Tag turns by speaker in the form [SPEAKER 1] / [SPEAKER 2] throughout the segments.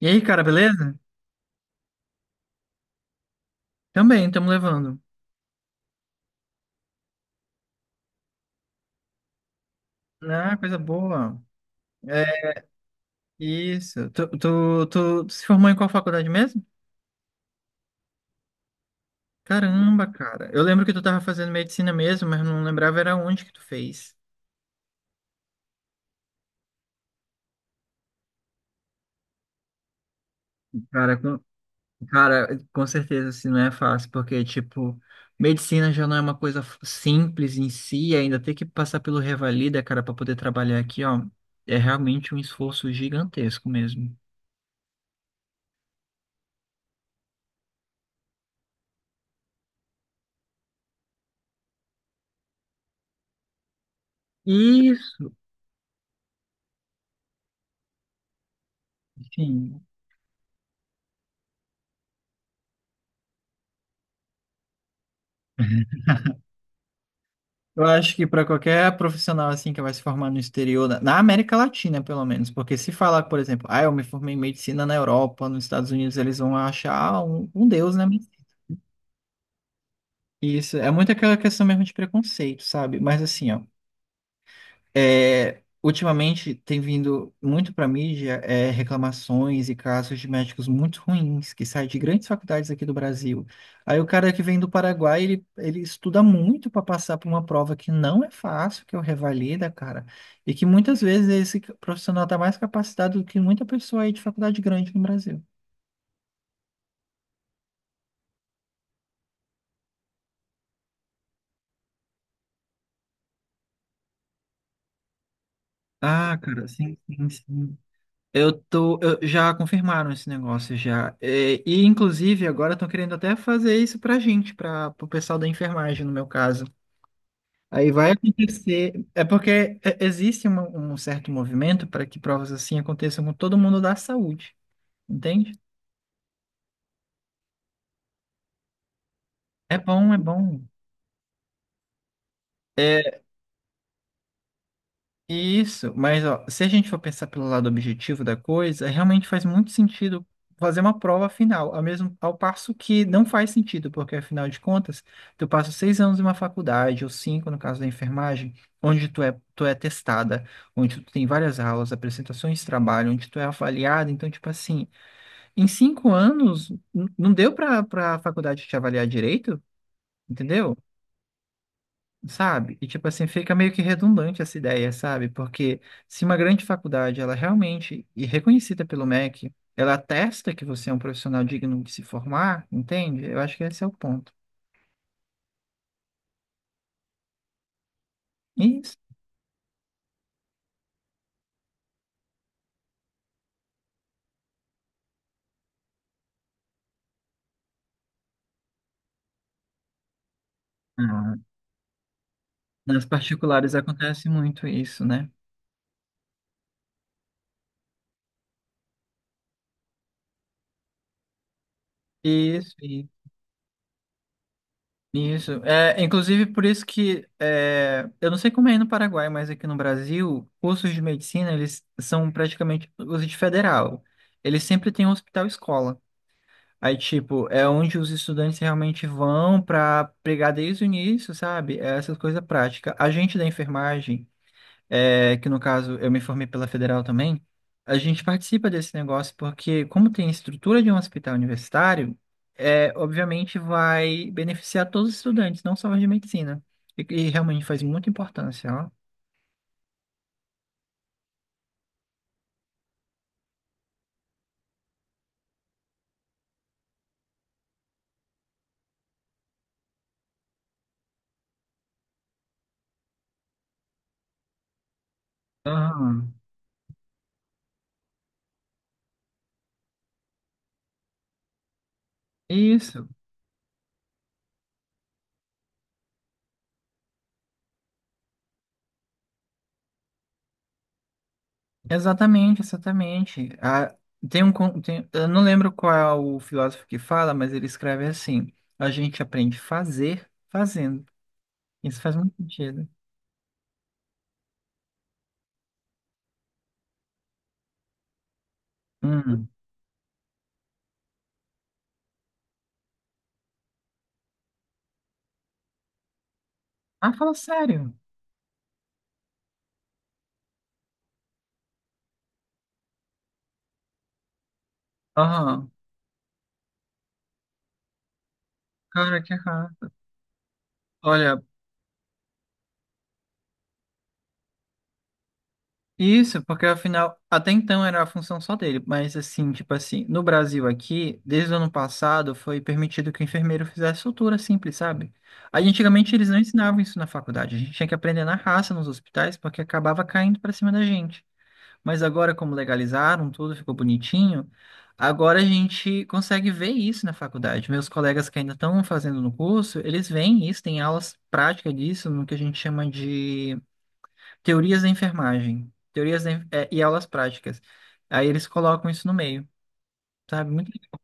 [SPEAKER 1] E aí, cara, beleza? Também, estamos levando. Ah, coisa boa. É isso. Tu se formou em qual faculdade mesmo? Caramba, cara. Eu lembro que tu tava fazendo medicina mesmo, mas não lembrava era onde que tu fez. Cara, com, cara, com certeza assim não é fácil, porque, tipo, medicina já não é uma coisa simples em si, ainda ter que passar pelo Revalida, cara, para poder trabalhar aqui, ó, é realmente um esforço gigantesco mesmo. Isso, sim. Eu acho que para qualquer profissional assim que vai se formar no exterior, na América Latina, pelo menos, porque se falar, por exemplo, ah, eu me formei em medicina na Europa, nos Estados Unidos, eles vão achar ah, um deus, né? Isso é muito aquela questão mesmo de preconceito, sabe? Mas assim, ó. É, ultimamente tem vindo muito para a mídia é, reclamações e casos de médicos muito ruins que saem de grandes faculdades aqui do Brasil. Aí o cara que vem do Paraguai, ele estuda muito para passar por uma prova que não é fácil, que é o Revalida, cara, e que muitas vezes esse profissional está mais capacitado do que muita pessoa aí de faculdade grande no Brasil. Ah, cara, sim, sim, sim. Já confirmaram esse negócio já. É, e inclusive agora estão querendo até fazer isso pra gente, para o pessoal da enfermagem, no meu caso. Aí vai acontecer, é porque é, existe um certo movimento para que provas assim aconteçam com todo mundo da saúde, entende? É bom, é bom. Isso, mas ó, se a gente for pensar pelo lado objetivo da coisa, realmente faz muito sentido fazer uma prova final, ao passo que não faz sentido, porque afinal de contas, tu passa seis anos em uma faculdade, ou cinco no caso da enfermagem, onde tu é testada, onde tu tem várias aulas, apresentações de trabalho, onde tu é avaliada, então tipo assim, em cinco anos não deu para a faculdade te avaliar direito, entendeu? Sabe? E tipo assim, fica meio que redundante essa ideia, sabe? Porque se uma grande faculdade, ela realmente, e reconhecida pelo MEC, ela atesta que você é um profissional digno de se formar, entende? Eu acho que esse é o ponto. Isso. Ah, nas particulares acontece muito isso, né? Isso, e- isso. É, inclusive, por isso que, é, eu não sei como é aí no Paraguai, mas aqui no Brasil, cursos de medicina, eles são praticamente os de federal. Eles sempre têm um hospital-escola. Aí, tipo, é onde os estudantes realmente vão para pegar desde o início, sabe? É essas coisas práticas. A gente da enfermagem, é, que no caso eu me formei pela Federal também, a gente participa desse negócio porque, como tem a estrutura de um hospital universitário, é, obviamente vai beneficiar todos os estudantes, não só os de medicina. E realmente faz muita importância, ó. Aham. Isso. Exatamente, exatamente. Ah, tem um, con- tem- eu não lembro qual é o filósofo que fala, mas ele escreve assim: a gente aprende a fazer fazendo. Isso faz muito sentido. Hum. Ah, fala sério. Aham. Cara, que errado. Olha, isso, porque afinal, até então era a função só dele, mas assim, tipo assim, no Brasil aqui, desde o ano passado, foi permitido que o enfermeiro fizesse sutura simples, sabe? Aí antigamente eles não ensinavam isso na faculdade, a gente tinha que aprender na raça nos hospitais, porque acabava caindo pra cima da gente. Mas agora, como legalizaram tudo, ficou bonitinho, agora a gente consegue ver isso na faculdade. Meus colegas que ainda estão fazendo no curso, eles veem isso, tem aulas práticas disso, no que a gente chama de teorias da enfermagem, é, e aulas práticas. Aí eles colocam isso no meio, sabe? Muito legal.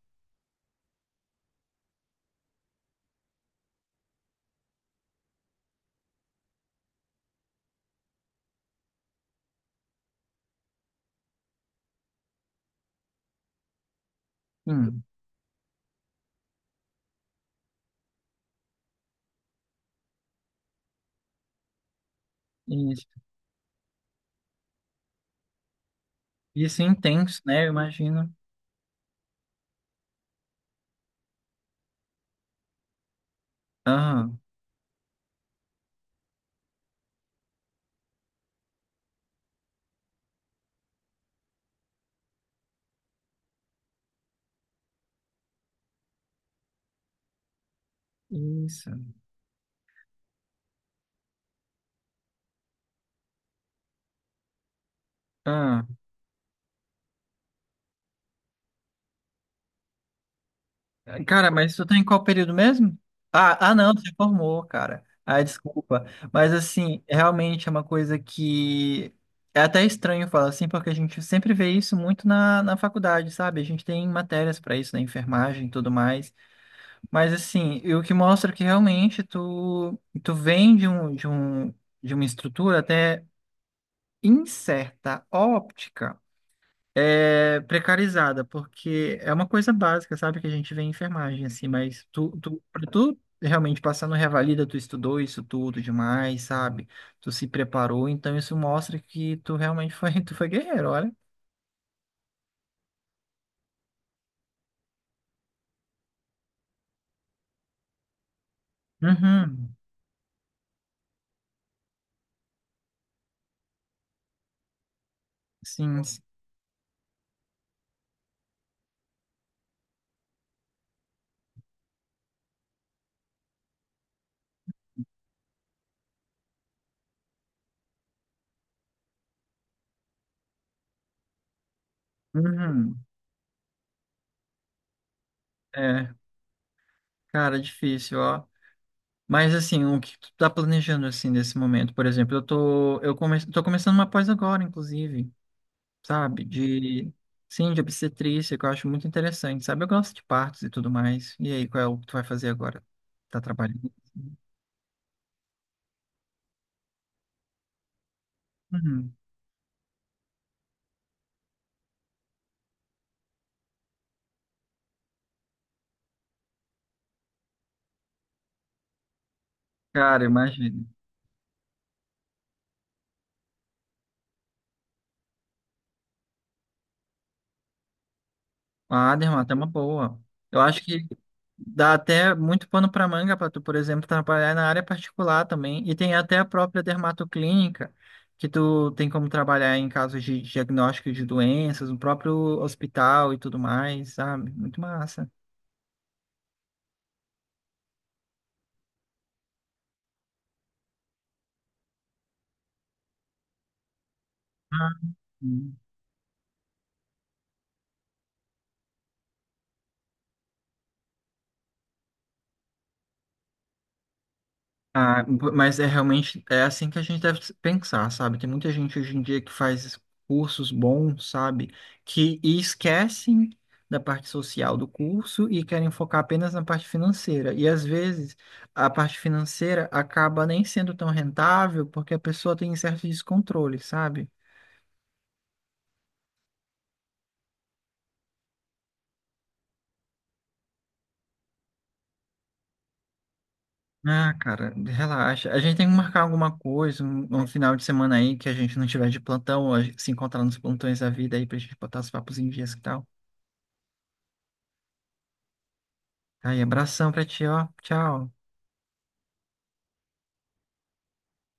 [SPEAKER 1] Hum, isso. Isso é intenso, né? Eu imagino. Ah, isso. Ah, cara, mas tu tá em qual período mesmo? Ah, não, você formou, cara. Ah, desculpa. Mas assim, realmente é uma coisa que é até estranho falar assim, porque a gente sempre vê isso muito na faculdade, sabe? A gente tem matérias para isso, na enfermagem e tudo mais. Mas assim, e o que mostra que realmente tu vem de uma estrutura até em certa óptica é precarizada, porque é uma coisa básica, sabe? Que a gente vê em enfermagem, assim, mas tu, pra tu realmente passar no Revalida, tu estudou isso tudo demais, sabe? Tu se preparou, então isso mostra que tu realmente foi, tu foi guerreiro, olha. Uhum, sim, sim. Uhum. É, cara, difícil, ó. Mas assim, o que tu tá planejando assim nesse momento? Por exemplo, eu tô eu come, tô começando uma pós agora, inclusive, sabe? De sim, de obstetrícia, que eu acho muito interessante, sabe? Eu gosto de partos e tudo mais. E aí, qual é o que tu vai fazer agora? Tá trabalhando? Uhum. Cara, imagina. Ah, Dermata, é uma boa. Eu acho que dá até muito pano para manga para tu, por exemplo, trabalhar na área particular também. E tem até a própria dermatoclínica, que tu tem como trabalhar em casos de diagnóstico de doenças, no próprio hospital e tudo mais, sabe? Muito massa. Ah, sim. Ah, mas é realmente é assim que a gente deve pensar, sabe? Tem muita gente hoje em dia que faz cursos bons, sabe? Que e esquecem da parte social do curso e querem focar apenas na parte financeira. E às vezes a parte financeira acaba nem sendo tão rentável porque a pessoa tem certo descontrole, sabe? Ah, cara, relaxa. A gente tem que marcar alguma coisa, um final de semana aí que a gente não tiver de plantão, a gente se encontrar nos plantões da vida aí pra gente botar os papos em dias e tal. Aí, abração pra ti, ó. Tchau.